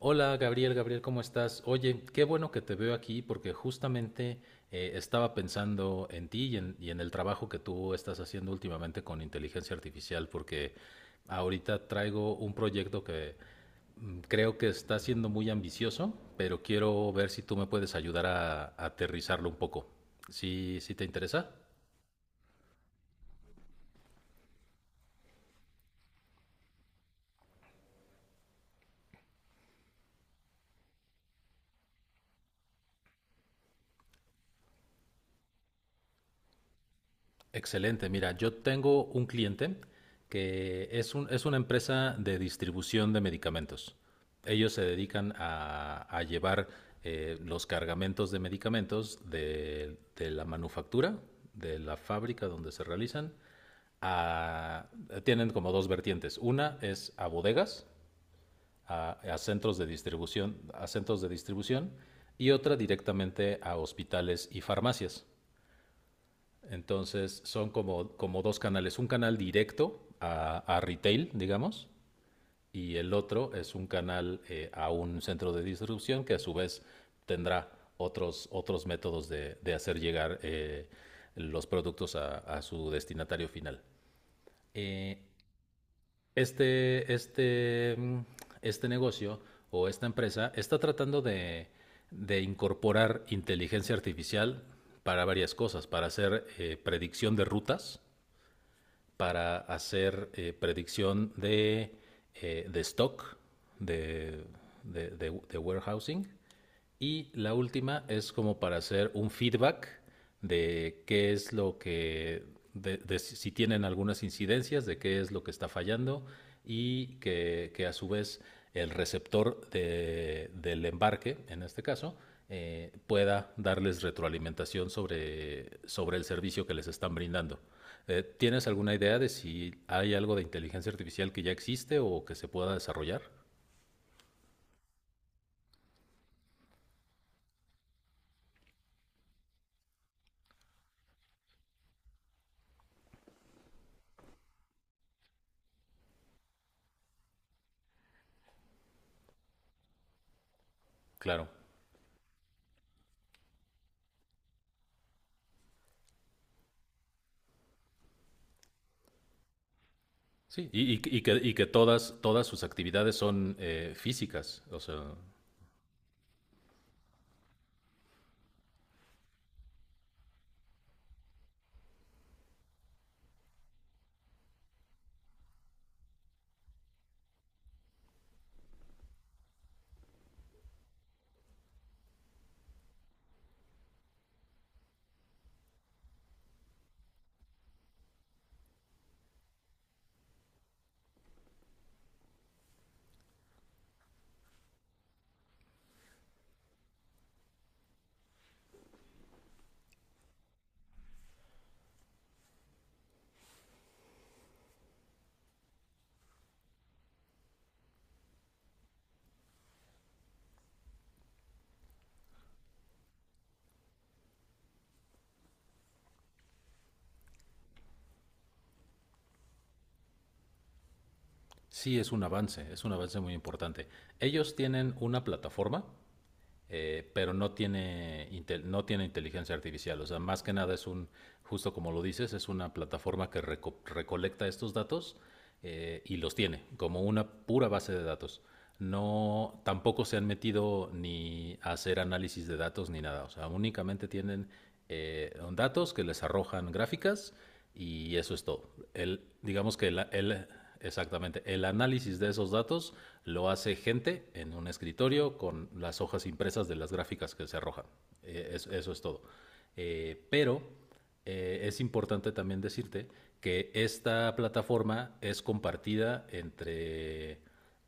Hola Gabriel, Gabriel, ¿cómo estás? Oye, qué bueno que te veo aquí porque justamente estaba pensando en ti y en el trabajo que tú estás haciendo últimamente con inteligencia artificial porque ahorita traigo un proyecto que creo que está siendo muy ambicioso, pero quiero ver si tú me puedes ayudar a aterrizarlo un poco. ¿Sí, sí te interesa? Excelente. Mira, yo tengo un cliente que es una empresa de distribución de medicamentos. Ellos se dedican a llevar los cargamentos de medicamentos de la manufactura, de la fábrica donde se realizan, a- tienen como dos vertientes. Una es a bodegas, a centros de distribución, a centros de distribución, y otra directamente a hospitales y farmacias. Entonces son como, como dos canales, un canal directo a retail, digamos, y el otro es un canal a un centro de distribución que a su vez tendrá otros métodos de hacer llegar los productos a su destinatario final. Eh, este, este, mm, este negocio o esta empresa está tratando de de incorporar inteligencia artificial para varias cosas, para hacer predicción de rutas para hacer predicción de stock, de, de warehousing y la última es como para hacer un feedback de qué es lo que, de si si tienen algunas incidencias, de qué es lo que está fallando que a su vez el receptor del embarque, en este caso, pueda darles retroalimentación sobre el servicio que les están brindando. ¿Tienes alguna idea de si hay algo de inteligencia artificial que ya existe o que se pueda desarrollar? Claro. Sí, y que todas sus actividades son físicas. O sea, sí es un avance muy importante. Ellos tienen una plataforma pero no tiene inteligencia artificial. O sea, más que nada es un, justo como lo dices, es una plataforma que recolecta estos datos y los tiene como una pura base de datos. No, tampoco se han metido ni a hacer análisis de datos ni nada. O sea, únicamente tienen datos que les arrojan gráficas y eso es todo. El, digamos que el, exactamente. El análisis de esos datos lo hace gente en un escritorio con las hojas impresas de las gráficas que se arrojan. Eso es todo. Pero es importante también decirte que esta plataforma es compartida entre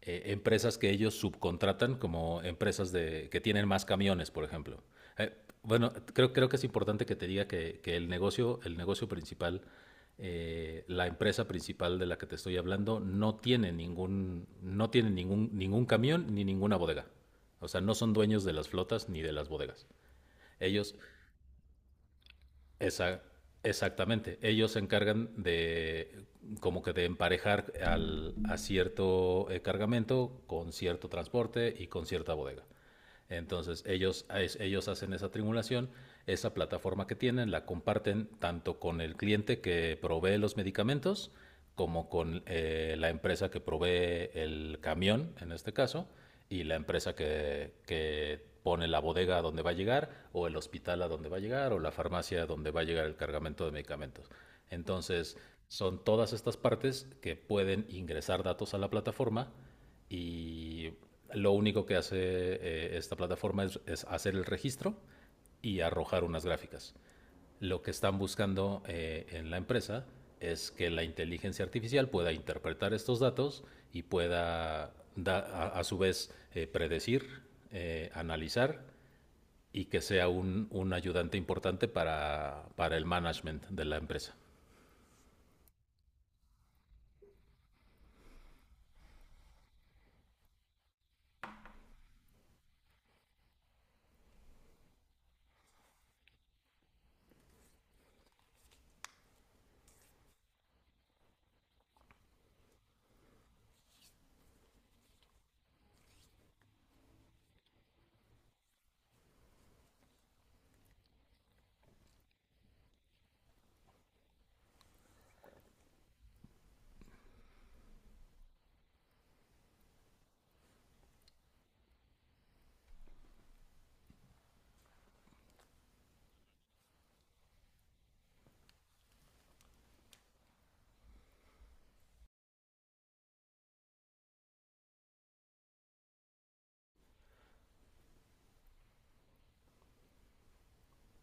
empresas que ellos subcontratan, como empresas de, que tienen más camiones, por ejemplo. Eh, bueno, creo que es importante que te diga que el negocio principal, la empresa principal de la que te estoy hablando no tiene no tiene ningún camión ni ninguna bodega. O sea, no son dueños de las flotas ni de las bodegas. Ellos, esa, exactamente, ellos se encargan de como que de emparejar al, a cierto cargamento con cierto transporte y con cierta bodega. Entonces ellos, ellos hacen esa triangulación, esa plataforma que tienen la comparten tanto con el cliente que provee los medicamentos como con la empresa que provee el camión, en este caso, y la empresa que pone la bodega a donde va a llegar, o el hospital a donde va a llegar, o la farmacia a donde va a llegar el cargamento de medicamentos. Entonces son todas estas partes que pueden ingresar datos a la plataforma y lo único que hace esta plataforma es hacer el registro y arrojar unas gráficas. Lo que están buscando en la empresa es que la inteligencia artificial pueda interpretar estos datos y pueda su vez predecir, analizar y que sea un ayudante importante para el management de la empresa.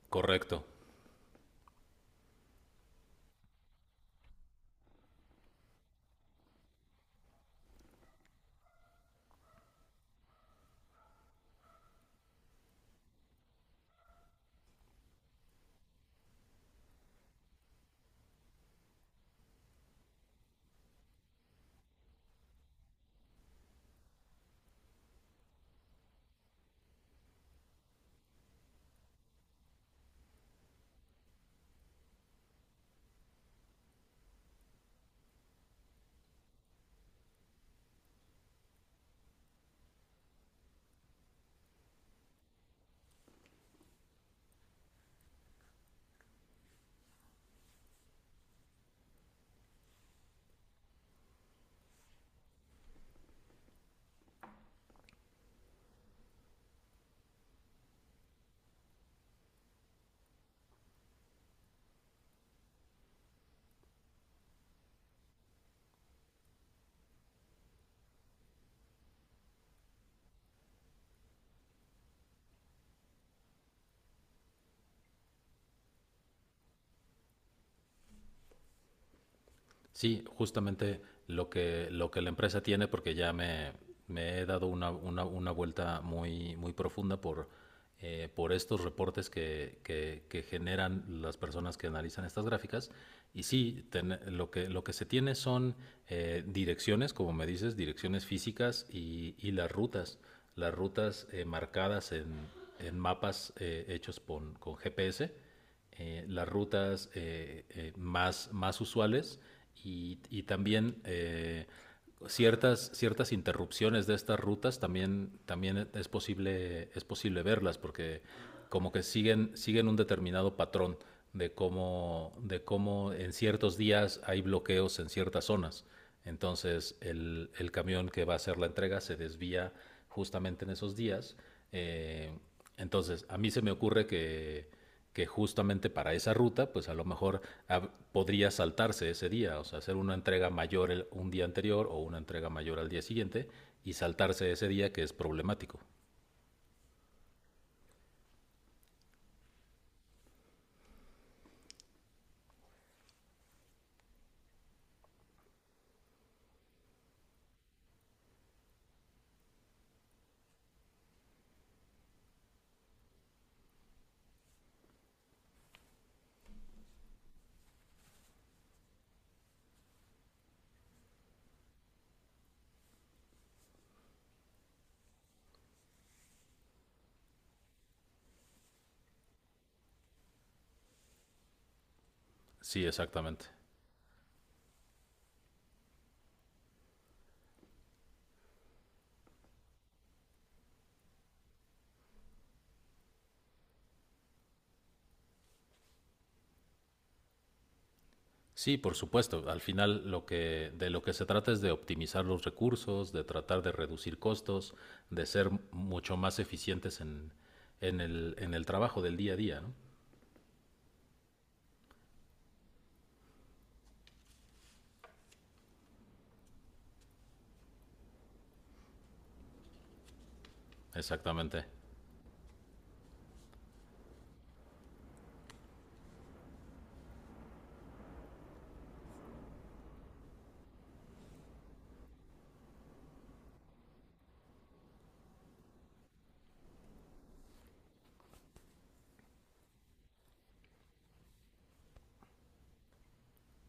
Correcto. Sí, justamente lo lo que la empresa tiene, porque me he dado una vuelta muy, muy profunda por estos reportes que generan las personas que analizan estas gráficas. Y sí, lo que se tiene son direcciones, como me dices, direcciones físicas y las rutas marcadas en mapas hechos con GPS, las rutas más usuales y también ciertas interrupciones de estas rutas también, también posible, es posible verlas porque como que siguen un determinado patrón de de cómo en ciertos días hay bloqueos en ciertas zonas. Entonces el camión que va a hacer la entrega se desvía justamente en esos días. Eh, entonces a mí se me ocurre que justamente para esa ruta, pues a lo mejor podría saltarse ese día, o sea, hacer una entrega mayor un día anterior o una entrega mayor al día siguiente y saltarse ese día que es problemático. Sí, exactamente. Sí, por supuesto. Al final lo que de lo que se trata es de optimizar los recursos, de tratar de reducir costos, de ser mucho más eficientes en en el trabajo del día a día, ¿no? Exactamente.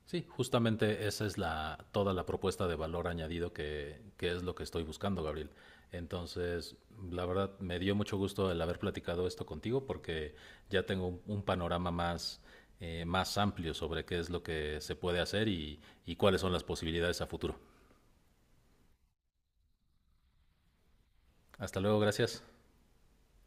Sí, justamente esa es la, toda la propuesta de valor añadido que es lo que estoy buscando, Gabriel. Entonces, la verdad, me dio mucho gusto el haber platicado esto contigo porque ya tengo un panorama más, más amplio sobre qué es lo que se puede hacer y cuáles son las posibilidades a futuro. Hasta luego, gracias.